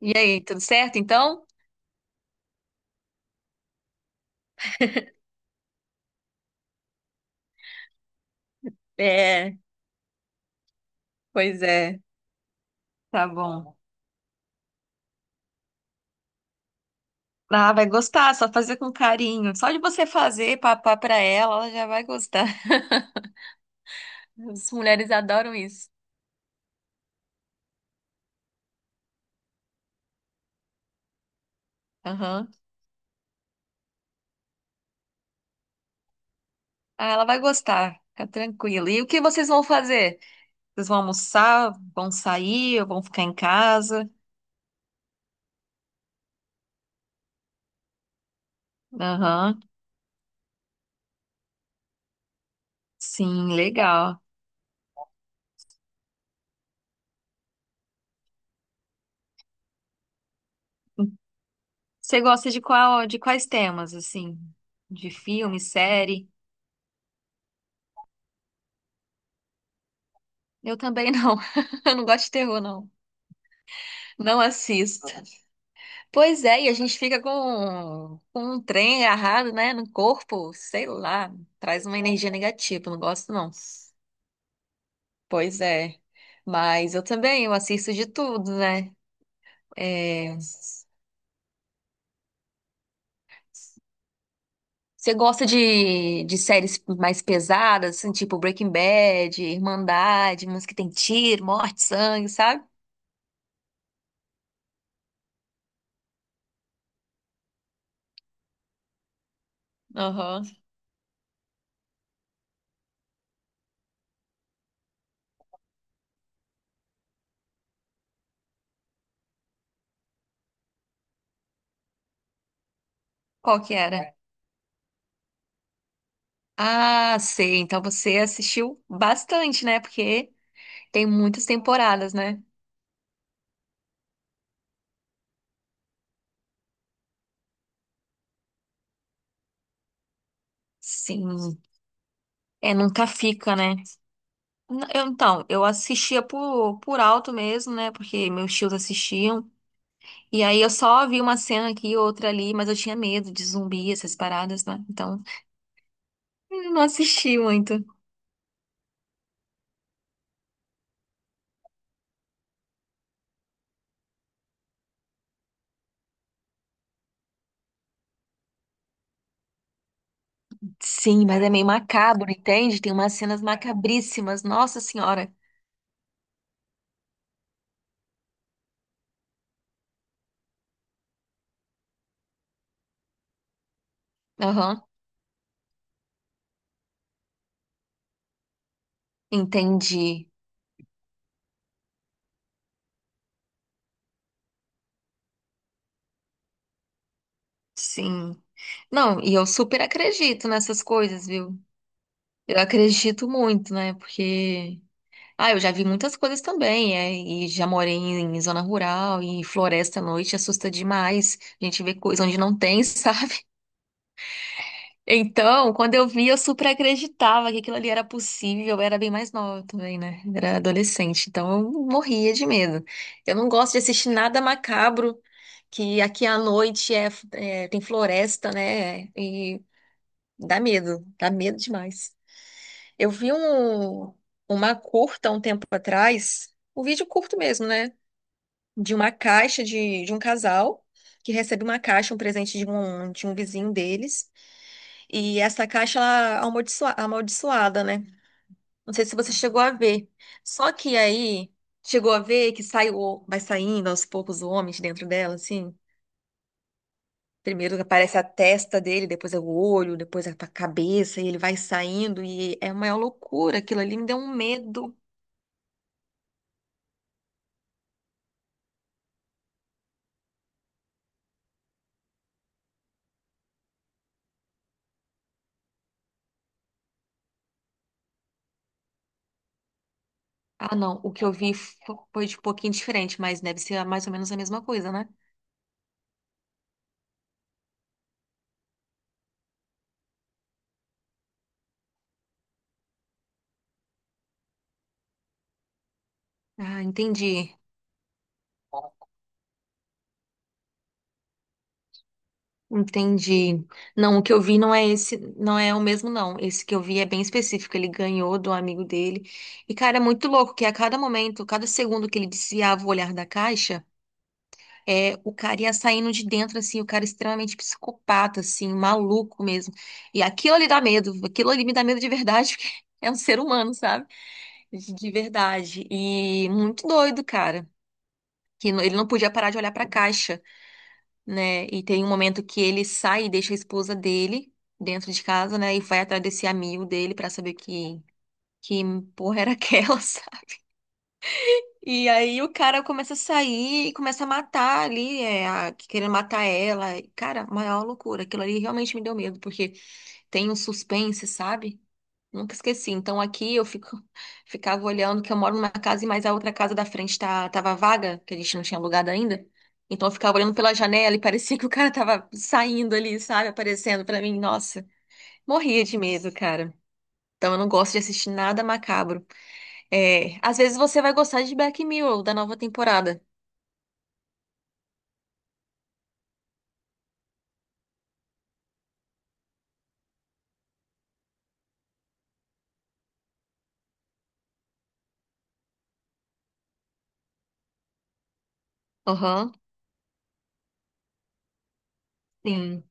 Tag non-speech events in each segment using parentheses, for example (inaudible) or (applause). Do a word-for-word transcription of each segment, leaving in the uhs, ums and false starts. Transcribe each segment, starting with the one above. E aí, tudo certo então? É, pois é. Tá bom. Ah, vai gostar, só fazer com carinho. Só de você fazer papá pra ela, ela já vai gostar. (laughs) As mulheres adoram isso. Aham. Ah, ela vai gostar, fica tranquila. E o que vocês vão fazer? Vocês vão almoçar, vão sair, ou vão ficar em casa? Aham. Sim, legal. Você gosta de qual, de quais temas, assim? De filme, série? Eu também não. (laughs) Eu não gosto de terror, não. Não assisto. Pois é, e a gente fica com, com um trem agarrado, né, no corpo, sei lá, traz uma energia negativa, não gosto não. Pois é, mas eu também, eu assisto de tudo, né? É, você gosta de, de séries mais pesadas, assim, tipo Breaking Bad, Irmandade, umas que tem tiro, morte, sangue, sabe? Aham. Qual que era? Ah, sei, então você assistiu bastante, né? Porque tem muitas temporadas, né? Sim. É, nunca fica, né? N- eu- então, eu assistia por, por alto mesmo, né? Porque meus tios assistiam. E aí eu só vi uma cena aqui e outra ali, mas eu tinha medo de zumbi, essas paradas, né? Então, eu não assisti muito. Sim, mas é meio macabro, entende? Tem umas cenas macabríssimas, nossa senhora. Aham, entendi. Sim. Não, e eu super acredito nessas coisas, viu? Eu acredito muito, né? Porque ah, eu já vi muitas coisas também, é, e já morei em, em zona rural e floresta à noite assusta demais. A gente vê coisa onde não tem, (laughs) sabe? Então, quando eu vi, eu super acreditava que aquilo ali era possível. Eu era bem mais nova também, né? Era adolescente, então eu morria de medo. Eu não gosto de assistir nada macabro, que aqui à noite é, é, tem floresta, né? E dá medo, dá medo demais. Eu vi um, uma curta um tempo atrás, um vídeo curto mesmo, né? De uma caixa de, de um casal que recebe uma caixa, um presente de um, de um vizinho deles. E essa caixa, ela é amaldiçoa- amaldiçoada, né? Não sei se você chegou a ver. Só que aí, chegou a ver que sai o, vai saindo aos poucos o homem de dentro dela, assim. Primeiro aparece a testa dele, depois é o olho, depois é a cabeça, e ele vai saindo, e é uma loucura aquilo ali, me deu um medo. Ah, não. O que eu vi fo- foi de um pouquinho diferente, mas deve ser mais ou menos a mesma coisa, né? Ah, entendi. Entendi. Não, o que eu vi não é esse, não é o mesmo, não. Esse que eu vi é bem específico. Ele ganhou do amigo dele. E, cara, é muito louco que a cada momento, cada segundo que ele desviava o olhar da caixa, é, o cara ia saindo de dentro, assim, o cara extremamente psicopata, assim, maluco mesmo. E aquilo ali dá medo. Aquilo ali me dá medo de verdade, (laughs) porque é um ser humano, sabe? De de verdade. E muito doido, cara. Que no- ele não podia parar de olhar para a caixa, né? E tem um momento que ele sai e deixa a esposa dele dentro de casa, né? E vai atrás desse amigo dele para saber que que porra era aquela, (laughs) sabe? E aí o cara começa a sair e começa a matar ali, é, a, querendo matar ela. E, cara, maior loucura. Aquilo ali realmente me deu medo, porque tem um suspense, sabe? Nunca esqueci. Então aqui eu fico, (laughs) ficava olhando que eu moro numa casa, mas a outra casa da frente tá, tava vaga, que a gente não tinha alugado ainda. Então eu ficava olhando pela janela e parecia que o cara tava saindo ali, sabe? Aparecendo pra mim. Nossa, morria de medo, cara. Então eu não gosto de assistir nada macabro. É, às vezes você vai gostar de Black Mirror, da nova temporada. Aham. Sim.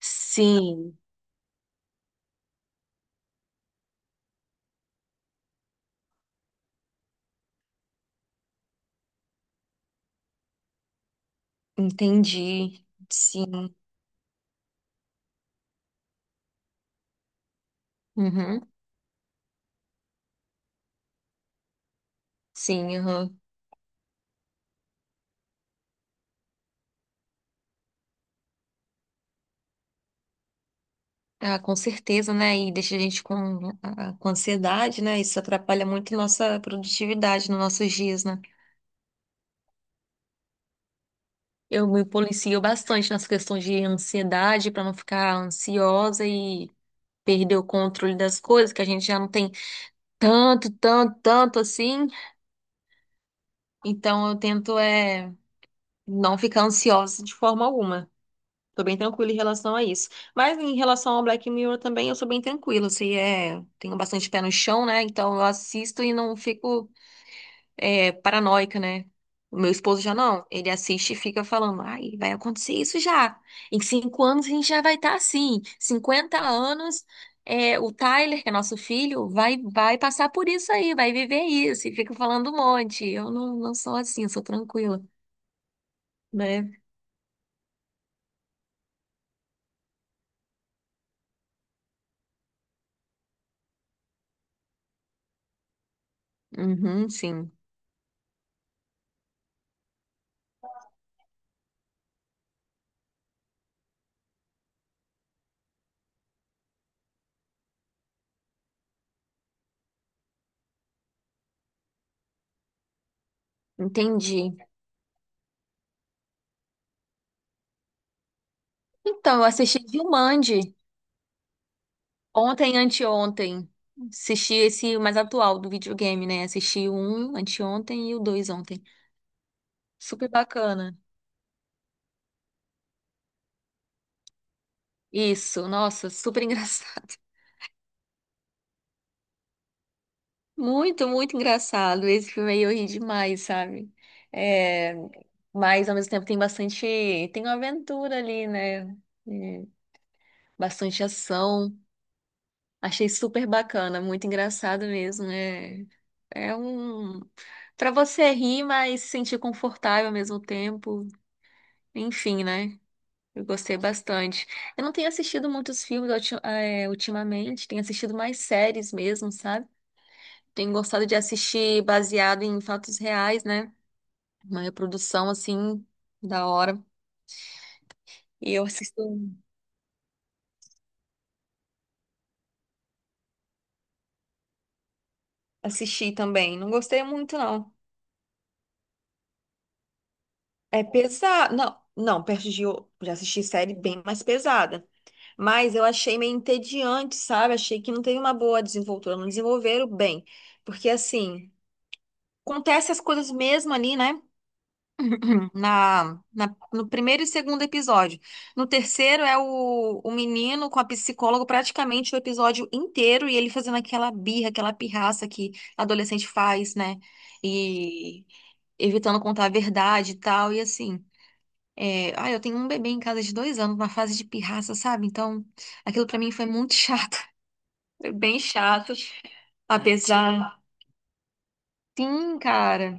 Sim, entendi. Sim. Uhum. Sim, aham. Ah, com certeza, né? E deixa a gente com, ah, com ansiedade, né? Isso atrapalha muito nossa produtividade nos nossos dias, né? Eu me policio bastante nas questões de ansiedade para não ficar ansiosa e perder o controle das coisas, que a gente já não tem tanto, tanto, tanto assim. Então eu tento é não ficar ansiosa de forma alguma. Tô bem tranquila em relação a isso. Mas em relação ao Black Mirror também, eu sou bem tranquila. Assim, é... Tenho bastante pé no chão, né? Então eu assisto e não fico é, paranoica, né? O meu esposo já não. Ele assiste e fica falando, ai, vai acontecer isso já. Em cinco anos a gente já vai estar assim, cinquenta anos, é, o Tyler, que é nosso filho, vai, vai passar por isso aí, vai viver isso. E fica falando um monte. Eu não, não sou assim, eu sou tranquila, né? Uhum, sim. Entendi. Então, eu assisti Jumanji ontem, anteontem. Assisti esse mais atual do videogame, né? Assisti o um anteontem e o dois ontem. Super bacana. Isso, nossa, super (laughs) engraçado. Muito, muito engraçado. Esse filme aí eu ri demais, sabe? É, mas ao mesmo tempo tem bastante, tem uma aventura ali, né? É, bastante ação. Achei super bacana, muito engraçado mesmo. É, é um para você rir, mas se sentir confortável ao mesmo tempo. Enfim, né? Eu gostei bastante. Eu não tenho assistido muitos filmes ulti- eh, ultimamente, tenho assistido mais séries mesmo, sabe? Tenho gostado de assistir baseado em fatos reais, né? Uma reprodução assim da hora. E eu assisto, assisti também. Não gostei muito, não. É pesado. Não, não, perto de. o- Já assisti série bem mais pesada. Mas eu achei meio entediante, sabe? Achei que não teve uma boa desenvoltura. Não desenvolveram bem. Porque, assim, acontece as coisas mesmo ali, né? (clears throat) Na, na- no primeiro e segundo episódio. No terceiro é o, o menino com a psicóloga praticamente o episódio inteiro e ele fazendo aquela birra, aquela pirraça que adolescente faz, né? E evitando contar a verdade e tal. E assim, é, ah, eu tenho um bebê em casa de dois anos, na fase de pirraça, sabe? Então, aquilo pra mim foi muito chato. (laughs) Foi bem chato. Apesar. Sim, cara.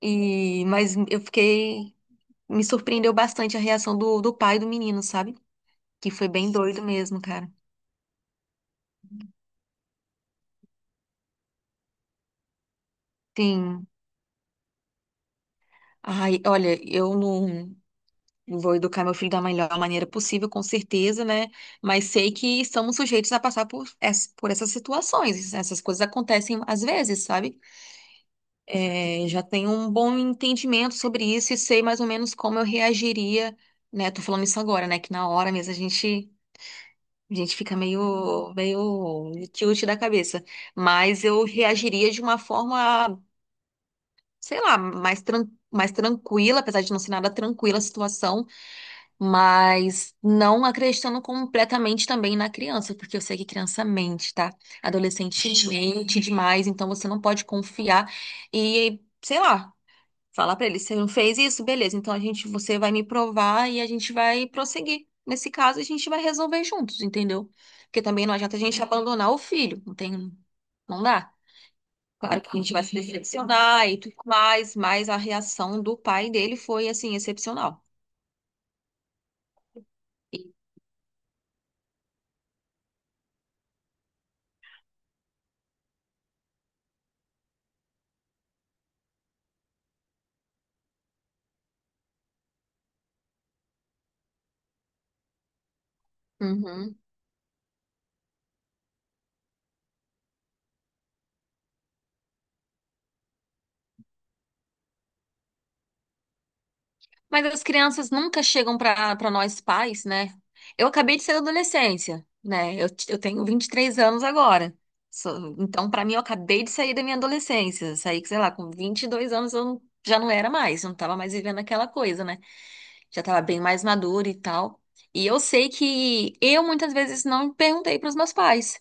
E, mas eu fiquei. Me surpreendeu bastante a reação do, do pai do menino, sabe? Que foi bem doido mesmo, cara. Sim. Ai, olha, eu não vou educar meu filho da melhor maneira possível, com certeza, né? Mas sei que estamos sujeitos a passar por, ess- por essas situações. Essas coisas acontecem às vezes, sabe? É, já tenho um bom entendimento sobre isso e sei mais ou menos como eu reagiria, né? Tô falando isso agora, né? Que na hora mesmo a gente A gente fica meio, meio tilt da cabeça. Mas eu reagiria de uma forma, sei lá, mais, tran mais tranquila, apesar de não ser nada tranquila a situação, mas não acreditando completamente também na criança, porque eu sei que criança mente, tá? Adolescente mente demais, então você não pode confiar. E, sei lá. Falar pra ele, você não fez isso? Beleza, então a gente, você vai me provar e a gente vai prosseguir. Nesse caso, a gente vai resolver juntos, entendeu? Porque também não adianta a gente abandonar o filho, não tem, não dá. Claro que a gente vai se decepcionar e tudo mais, mas a reação do pai dele foi assim, excepcional. Uhum. Mas as crianças nunca chegam para para nós pais, né? Eu acabei de sair da adolescência, né? Eu, t- eu tenho vinte e três anos agora. Sou- então, para mim, eu acabei de sair da minha adolescência. Saí, sei lá, com vinte e dois anos eu não- já não era mais, eu não estava mais vivendo aquela coisa, né? Já estava bem mais madura e tal. E eu sei que eu muitas vezes não perguntei para os meus pais.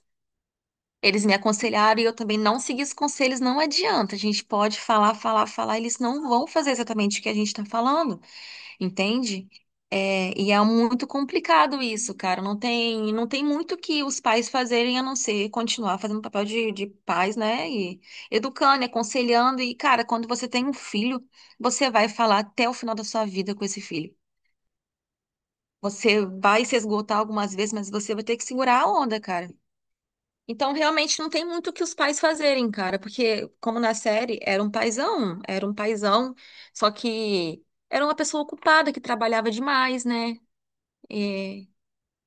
Eles me aconselharam e eu também não segui os conselhos, não adianta. A gente pode falar, falar, falar, eles não vão fazer exatamente o que a gente está falando. Entende? É, e é muito complicado isso, cara. Não tem, não tem muito que os pais fazerem a não ser continuar fazendo o papel de, de pais, né? E educando, e aconselhando. E, cara, quando você tem um filho, você vai falar até o final da sua vida com esse filho. Você vai se esgotar algumas vezes, mas você vai ter que segurar a onda, cara. Então, realmente, não tem muito o que os pais fazerem, cara, porque, como na série, era um paizão, era um paizão, só que era uma pessoa ocupada que trabalhava demais, né? É,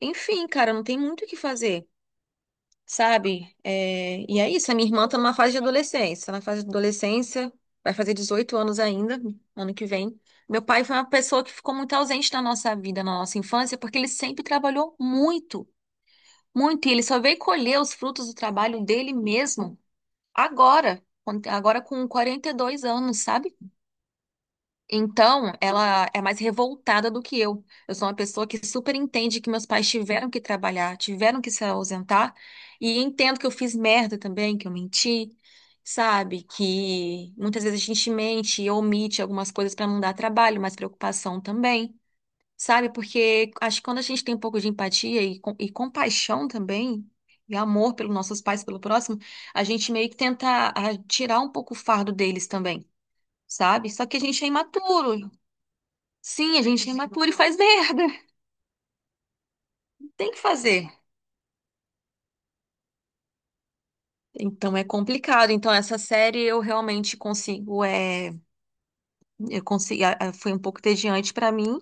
enfim, cara, não tem muito o que fazer, sabe? É, e é isso, a minha irmã tá numa fase de adolescência. Tá na fase de adolescência, vai fazer dezoito anos ainda, ano que vem. Meu pai foi uma pessoa que ficou muito ausente na nossa vida, na nossa infância, porque ele sempre trabalhou muito, muito. E ele só veio colher os frutos do trabalho dele mesmo agora, quando- agora com quarenta e dois anos, sabe? Então, ela é mais revoltada do que eu. Eu sou uma pessoa que super entende que meus pais tiveram que trabalhar, tiveram que se ausentar, e entendo que eu fiz merda também, que eu menti, sabe? Que muitas vezes a gente mente e omite algumas coisas para não dar trabalho, mas preocupação também, sabe? Porque acho que quando a gente tem um pouco de empatia e, com- e compaixão também, e amor pelos nossos pais, pelo próximo, a gente meio que tenta ah, tirar um pouco o fardo deles também, sabe? Só que a gente é imaturo, sim, a gente é imaturo e faz merda. (laughs) Tem que fazer. Então é complicado. Então essa série eu realmente consigo, é, eu consigo, a- a- foi um pouco entediante pra mim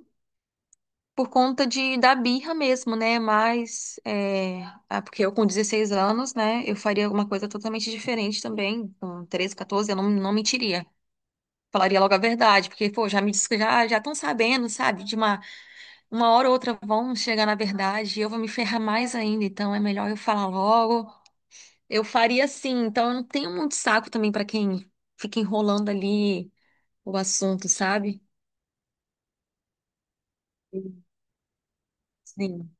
por conta de da birra mesmo, né? Mas é, ah, porque eu com dezesseis anos, né, eu faria alguma coisa totalmente diferente também. Com treze quatorze, eu não, não mentiria. Falaria logo a verdade, porque pô, já me dis- já já estão sabendo, sabe? De uma uma hora ou outra vão chegar na verdade e eu vou me ferrar mais ainda. Então é melhor eu falar logo. Eu faria assim, então eu não tenho muito saco também pra quem fica enrolando ali o assunto, sabe? Sim.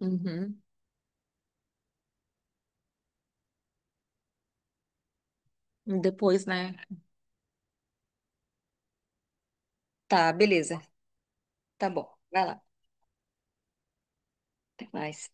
Uhum. E depois, né? Tá, beleza. Tá bom. Vai lá, até mais.